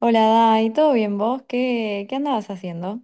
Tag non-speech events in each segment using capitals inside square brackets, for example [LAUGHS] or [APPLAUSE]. Hola, Dai, ¿todo bien vos? ¿Qué andabas haciendo?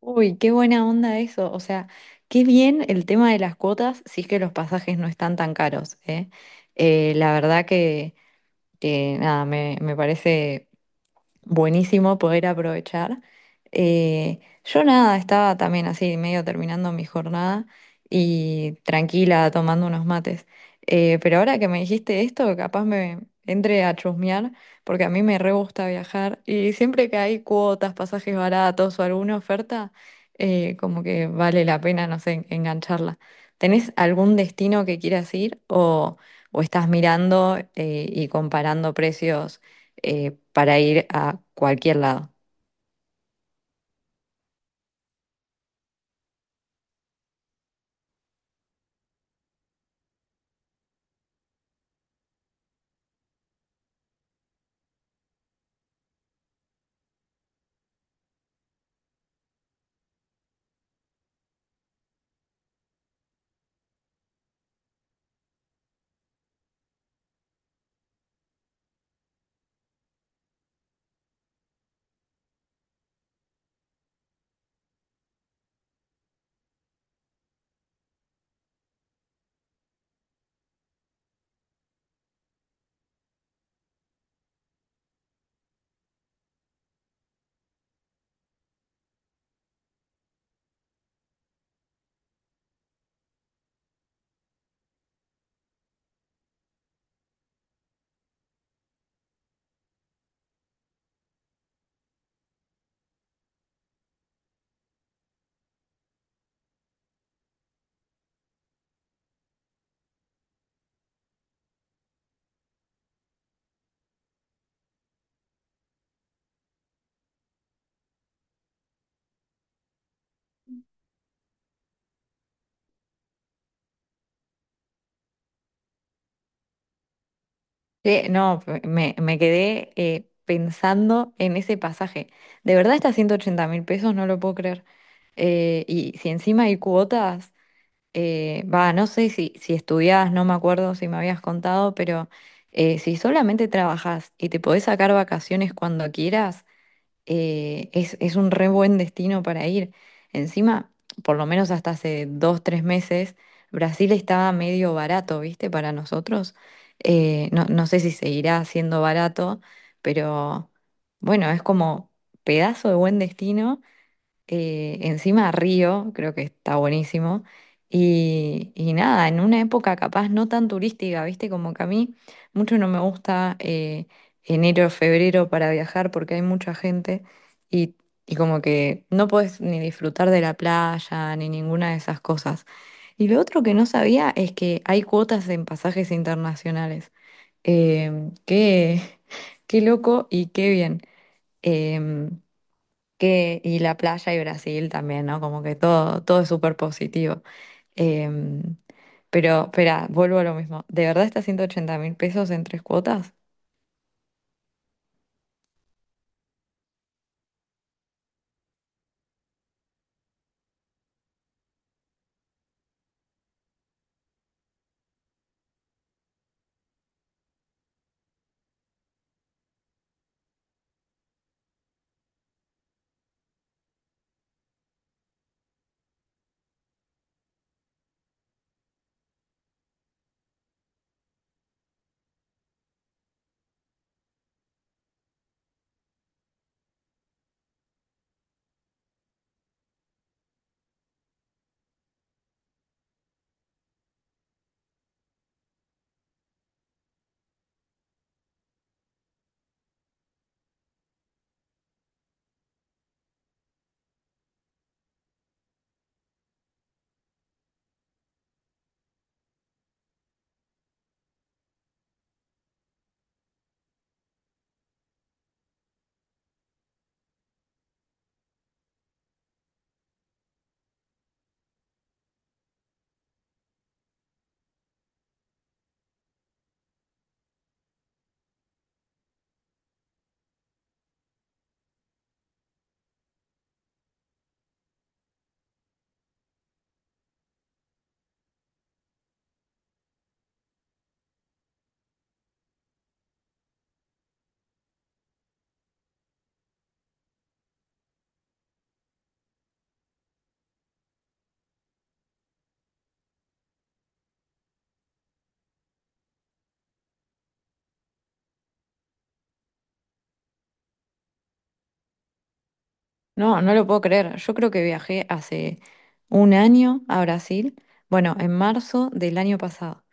Uy, qué buena onda eso. O sea, qué bien el tema de las cuotas, si es que los pasajes no están tan caros, ¿eh? La verdad que nada, me parece buenísimo poder aprovechar. Eh, yo nada, estaba también así, medio terminando mi jornada y tranquila, tomando unos mates. Pero ahora que me dijiste esto, capaz me entre a chusmear, porque a mí me re gusta viajar y siempre que hay cuotas, pasajes baratos o alguna oferta, como que vale la pena, no sé, engancharla. ¿Tenés algún destino que quieras ir o estás mirando y comparando precios? Para ir a cualquier lado. Sí, no, me quedé pensando en ese pasaje. De verdad, está 180 mil pesos, no lo puedo creer. Y si encima hay cuotas, no sé si, si estudiás, no me acuerdo si me habías contado, pero si solamente trabajás y te podés sacar vacaciones cuando quieras, es un re buen destino para ir. Encima, por lo menos hasta hace dos, tres meses, Brasil estaba medio barato, ¿viste? Para nosotros. No, no sé si seguirá siendo barato, pero bueno, es como pedazo de buen destino, encima Río, creo que está buenísimo. Y nada, en una época capaz no tan turística, ¿viste? Como que a mí mucho no me gusta, enero, febrero para viajar porque hay mucha gente y, y como que no puedes ni disfrutar de la playa ni ninguna de esas cosas. Y lo otro que no sabía es que hay cuotas en pasajes internacionales. Qué, [LAUGHS] qué loco y qué bien. Em, que, y la playa y Brasil también, ¿no? Como que todo, todo es súper positivo. Em, pero, espera, vuelvo a lo mismo. ¿De verdad está 180 mil pesos en tres cuotas? No, no lo puedo creer. Yo creo que viajé hace un año a Brasil, bueno, en marzo del año pasado,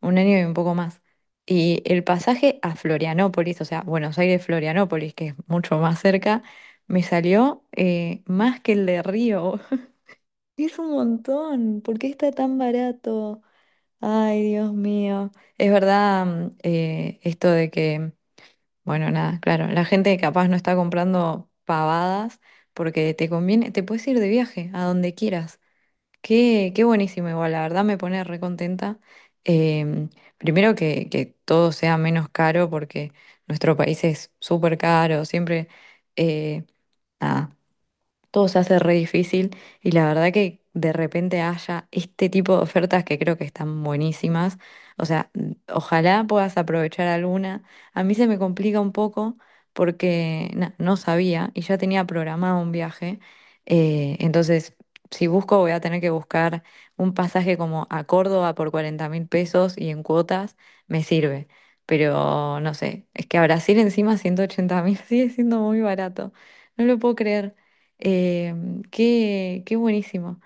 un año y un poco más. Y el pasaje a Florianópolis, o sea, Buenos Aires, Florianópolis, que es mucho más cerca, me salió más que el de Río. [LAUGHS] Es un montón. ¿Por qué está tan barato? Ay, Dios mío. Es verdad. Esto de que, bueno, nada, claro, la gente capaz no está comprando pavadas porque te conviene, te puedes ir de viaje a donde quieras. Qué, qué buenísimo, igual, la verdad me pone recontenta. Em, Primero que todo sea menos caro porque nuestro país es súper caro, siempre, eh, nada, todo se hace re difícil y la verdad que de repente haya este tipo de ofertas que creo que están buenísimas. O sea, ojalá puedas aprovechar alguna. A mí se me complica un poco porque na, no sabía y ya tenía programado un viaje. Entonces, si busco, voy a tener que buscar un pasaje como a Córdoba por 40 mil pesos y en cuotas me sirve. Pero no sé, es que a Brasil encima 180 mil [LAUGHS] sigue siendo muy barato. No lo puedo creer. Eh, Qué, qué buenísimo.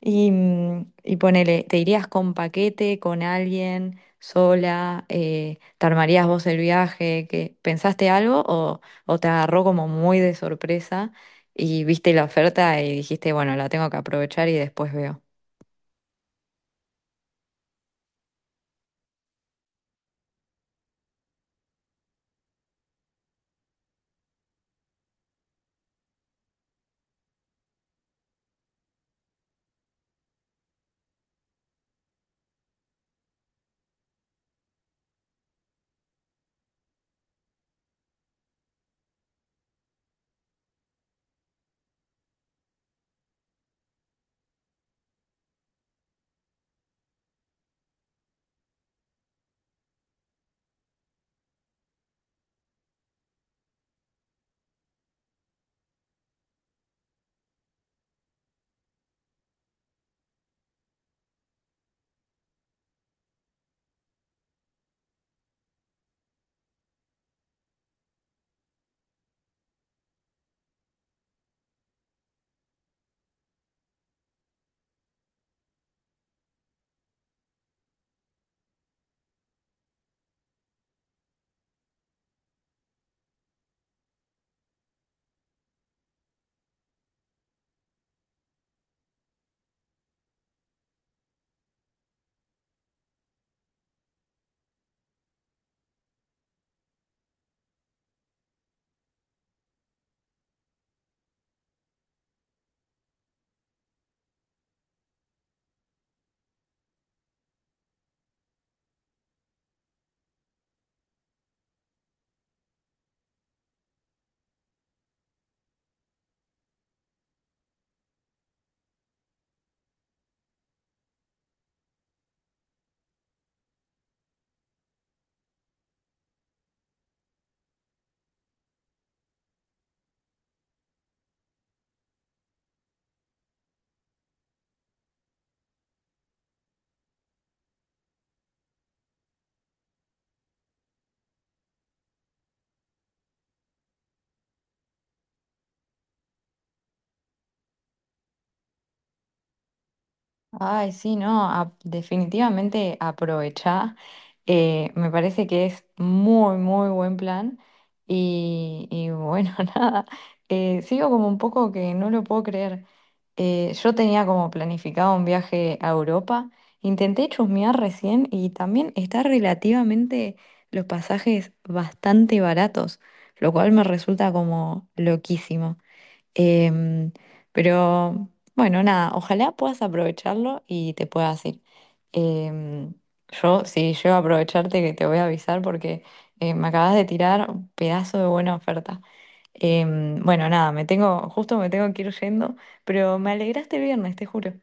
Y, mm, y ponele, ¿te irías con paquete, con alguien, sola? ¿Te armarías vos el viaje? ¿Qué- pensaste algo o te agarró como muy de sorpresa y viste la oferta y dijiste, bueno, la tengo que aprovechar y después veo? Ay, sí, no, definitivamente aprovechá. Me parece que es muy, muy buen plan. Y bueno, [LAUGHS] nada, sigo como un poco que no lo puedo creer. Yo tenía como planificado un viaje a Europa. Intenté chusmear recién y también está relativamente los pasajes bastante baratos, lo cual me resulta como loquísimo. Em, pero bueno, nada, ojalá puedas aprovecharlo y te puedas ir. Em, yo, si llego a aprovecharte, que te voy a avisar porque me acabas de tirar un pedazo de buena oferta. Bueno, nada, justo me tengo que ir yendo, pero me alegraste el viernes, te juro.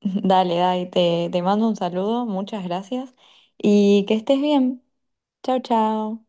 [LAUGHS] Dale, Dai, te mando un saludo, muchas gracias y que estés bien. Chao, chao.